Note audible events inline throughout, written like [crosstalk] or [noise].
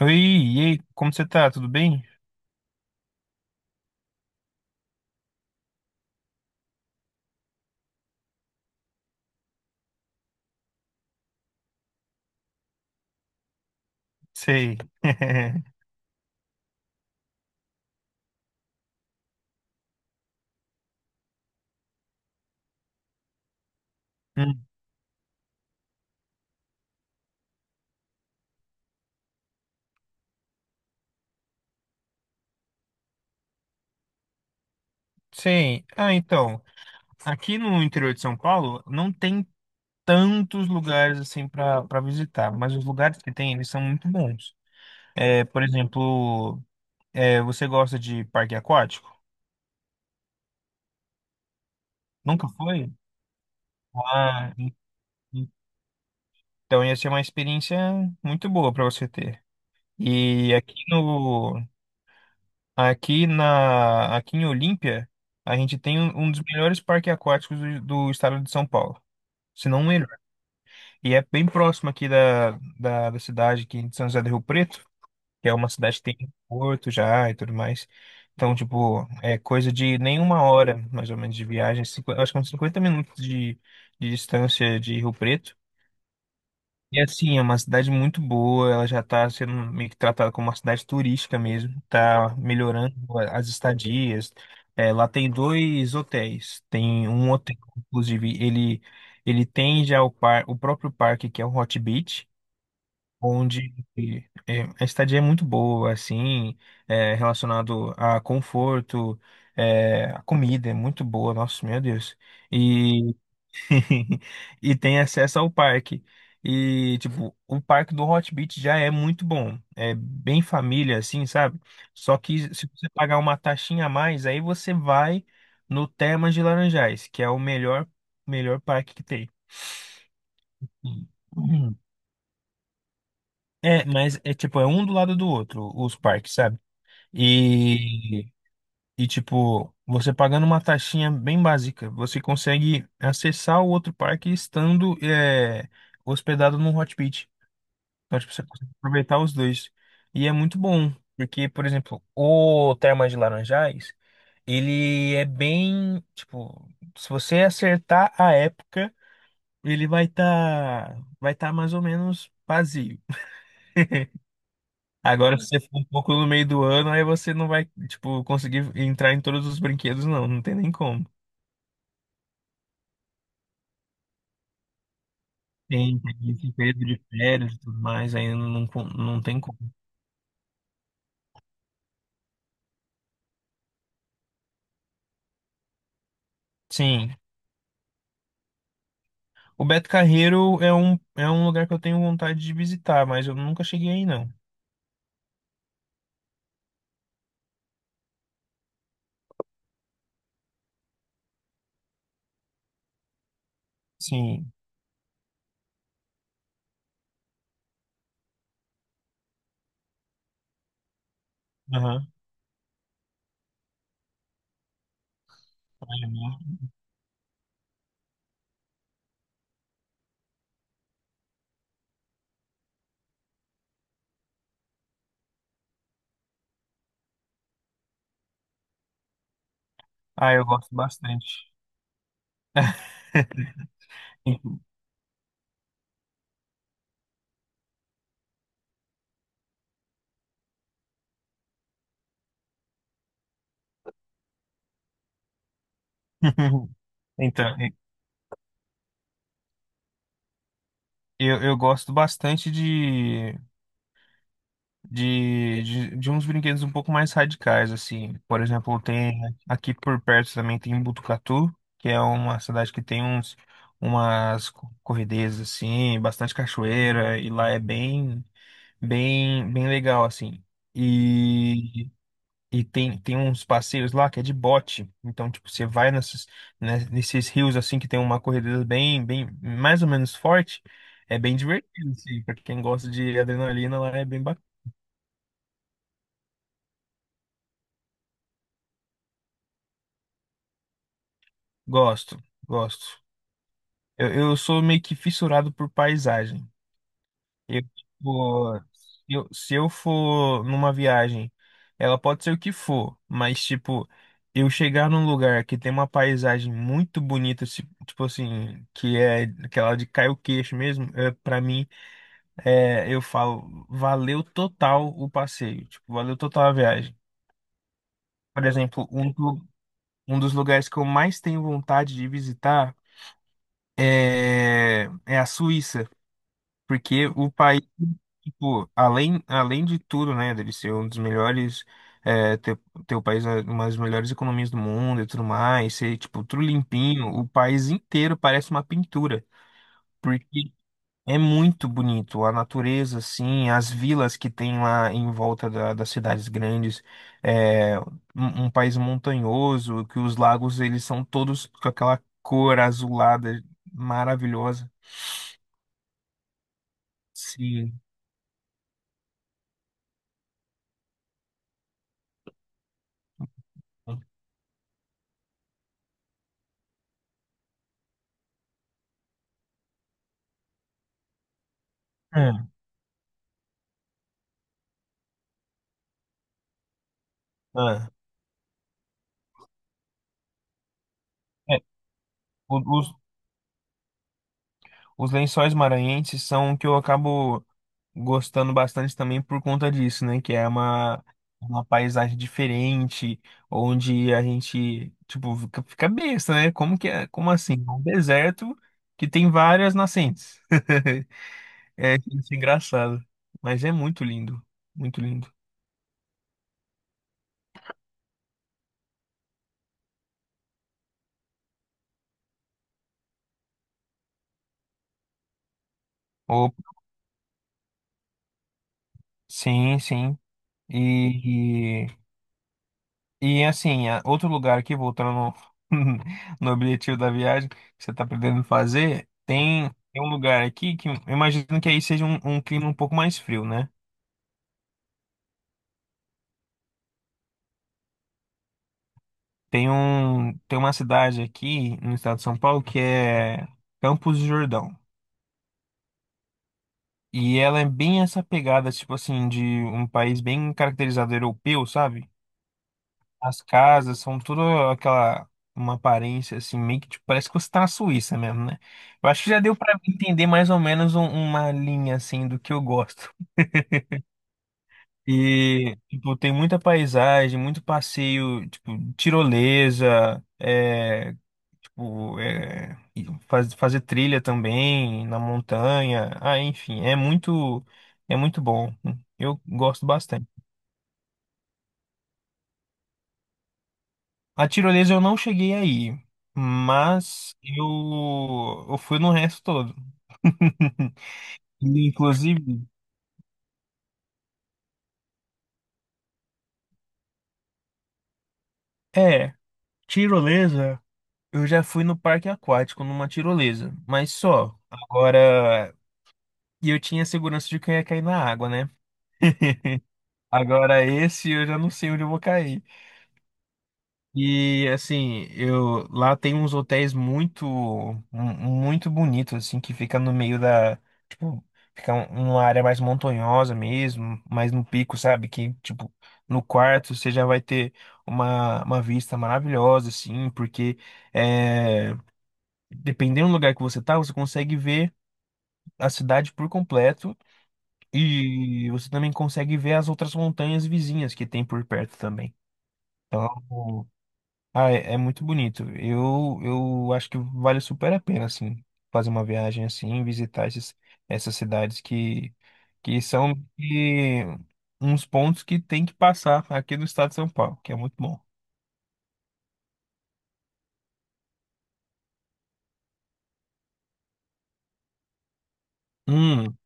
Oi, e aí, como você tá? Tudo bem? Sei. [laughs] Hum. Sei. Ah, então, aqui no interior de São Paulo não tem tantos lugares assim para visitar, mas os lugares que tem, eles são muito bons. É, por exemplo, é, você gosta de parque aquático? Nunca foi? Ah, en- então ia ser uma experiência muito boa para você ter. E aqui no Aqui na, aqui em Olímpia, a gente tem um dos melhores parques aquáticos do estado de São Paulo, se não o melhor. E é bem próximo aqui da cidade aqui de São José do Rio Preto, que é uma cidade que tem porto já e tudo mais. Então, tipo, é coisa de nenhuma hora, mais ou menos, de viagem, acho que uns 50 minutos de distância de Rio Preto. E assim, é uma cidade muito boa, ela já está sendo meio que tratada como uma cidade turística mesmo, está melhorando as estadias. É, lá tem dois hotéis, tem um hotel, inclusive, ele tem já o próprio parque, que é o Hot Beach, onde é, a estadia é muito boa, assim, é, relacionado a conforto, é, a comida é muito boa, nossa, meu Deus. [laughs] E tem acesso ao parque. E, tipo, o parque do Hot Beach já é muito bom. É bem família, assim, sabe? Só que se você pagar uma taxinha a mais, aí você vai no Termas de Laranjais, que é o melhor, melhor parque que tem. Uhum. É, mas é tipo, é um do lado do outro, os parques, sabe? E E, tipo, você pagando uma taxinha bem básica, você consegue acessar o outro parque estando é, hospedado num hot pit. Então, tipo, você consegue aproveitar os dois. E é muito bom, porque, por exemplo, o Termas de Laranjais, ele é bem, tipo, se você acertar a época, ele vai tá mais ou menos vazio. Agora, se você for um pouco no meio do ano, aí você não vai, tipo, conseguir entrar em todos os brinquedos, não. Não tem nem como. Tem esse período de férias e tudo mais, ainda não, não tem como. Sim. O Beto Carreiro é um lugar que eu tenho vontade de visitar, mas eu nunca cheguei aí, não. Sim. Aham. Ah, eu gosto bastante. [laughs] Então, eu gosto bastante de, de uns brinquedos um pouco mais radicais, assim. Por exemplo, tem aqui por perto também tem Botucatu, que é uma cidade que tem uns umas corredezas assim, bastante cachoeira e lá é bem legal assim. E E tem uns passeios lá que é de bote. Então, tipo, você vai nesses, né, nesses rios assim que tem uma corredeza bem, mais ou menos forte. É bem divertido, assim, pra quem gosta de adrenalina lá é bem. Gosto, gosto. Eu sou meio que fissurado por paisagem. Eu, tipo, se eu for numa viagem, ela pode ser o que for, mas, tipo, eu chegar num lugar que tem uma paisagem muito bonita, tipo assim, que é aquela de cair o queixo mesmo, é, pra mim, é, eu falo, valeu total o passeio, tipo, valeu total a viagem. Por exemplo, um dos lugares que eu mais tenho vontade de visitar é a Suíça. Porque o país, tipo, além de tudo, né, dele ser um dos melhores, é, ter o país, né, uma das melhores economias do mundo e tudo mais, ser, tipo, tudo limpinho, o país inteiro parece uma pintura. Porque é muito bonito, a natureza, assim, as vilas que tem lá em volta das cidades grandes, é um, um país montanhoso, que os lagos, eles são todos com aquela cor azulada maravilhosa. Sim. Ah, ah. O- Os, os Lençóis Maranhenses são o que eu acabo gostando bastante também por conta disso, né? Que é uma paisagem diferente, onde a gente, tipo, fica besta, né? Como que é? Como assim? É um deserto que tem várias nascentes. [laughs] É, isso é engraçado. Mas é muito lindo. Muito lindo. Oh, sim, sim. E, E assim, outro lugar aqui, voltando no, [laughs] no objetivo da viagem que você está pretendendo fazer, tem um lugar aqui que eu imagino que aí seja um, um clima um pouco mais frio, né? Tem uma cidade aqui no estado de São Paulo que é Campos do Jordão. E ela é bem essa pegada, tipo assim, de um país bem caracterizado europeu, sabe? As casas são tudo aquela uma aparência assim, meio que tipo, parece que você tá na Suíça mesmo, né? Eu acho que já deu pra entender mais ou menos uma linha assim do que eu gosto. E tipo, tem muita paisagem, muito passeio, tipo, tirolesa, é, tipo, é, e fazer trilha também na montanha. Ah, enfim, é muito bom. Eu gosto bastante. A tirolesa eu não cheguei aí, mas eu fui no resto todo. [laughs] Inclusive, é, tirolesa, eu já fui no parque aquático numa tirolesa, mas só. Agora, e eu tinha segurança de que eu ia cair na água, né? Agora esse eu já não sei onde eu vou cair. E assim, eu lá tem uns hotéis muito bonitos assim que fica no meio da, tipo, fica numa área mais montanhosa mesmo, mais no pico, sabe? Que tipo, no quarto você já vai ter uma vista maravilhosa assim, porque é, dependendo do lugar que você tá, você consegue ver a cidade por completo e você também consegue ver as outras montanhas vizinhas que tem por perto também. Então, ah, é, é muito bonito. Eu acho que vale super a pena, assim, fazer uma viagem assim, visitar esses, essas cidades que são que, uns pontos que tem que passar aqui no estado de São Paulo, que é muito bom. Hum.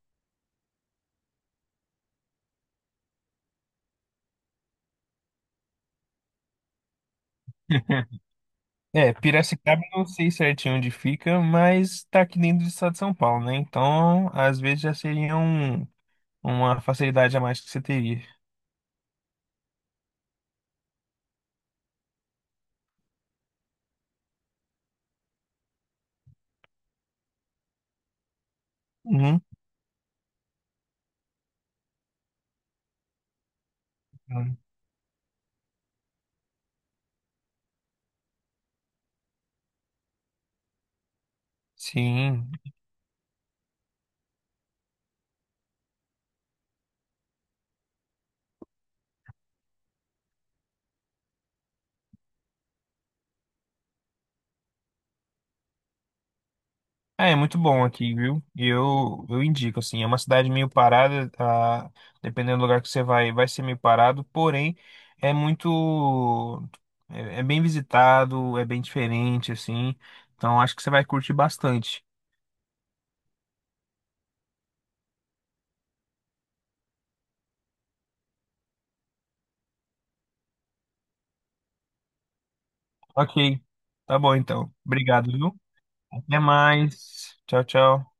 [laughs] É, Piracicaba eu não sei certinho onde fica, mas tá aqui dentro do estado de São Paulo, né? Então, às vezes já seria uma facilidade a mais que você teria. Uhum. Sim. É muito bom aqui, viu? E eu indico, assim, é uma cidade meio parada, ah, dependendo do lugar que você vai, vai ser meio parado, porém é muito, é bem visitado, é bem diferente, assim, então acho que você vai curtir bastante. Ok, tá bom então. Obrigado, viu? Até mais. Tchau, tchau.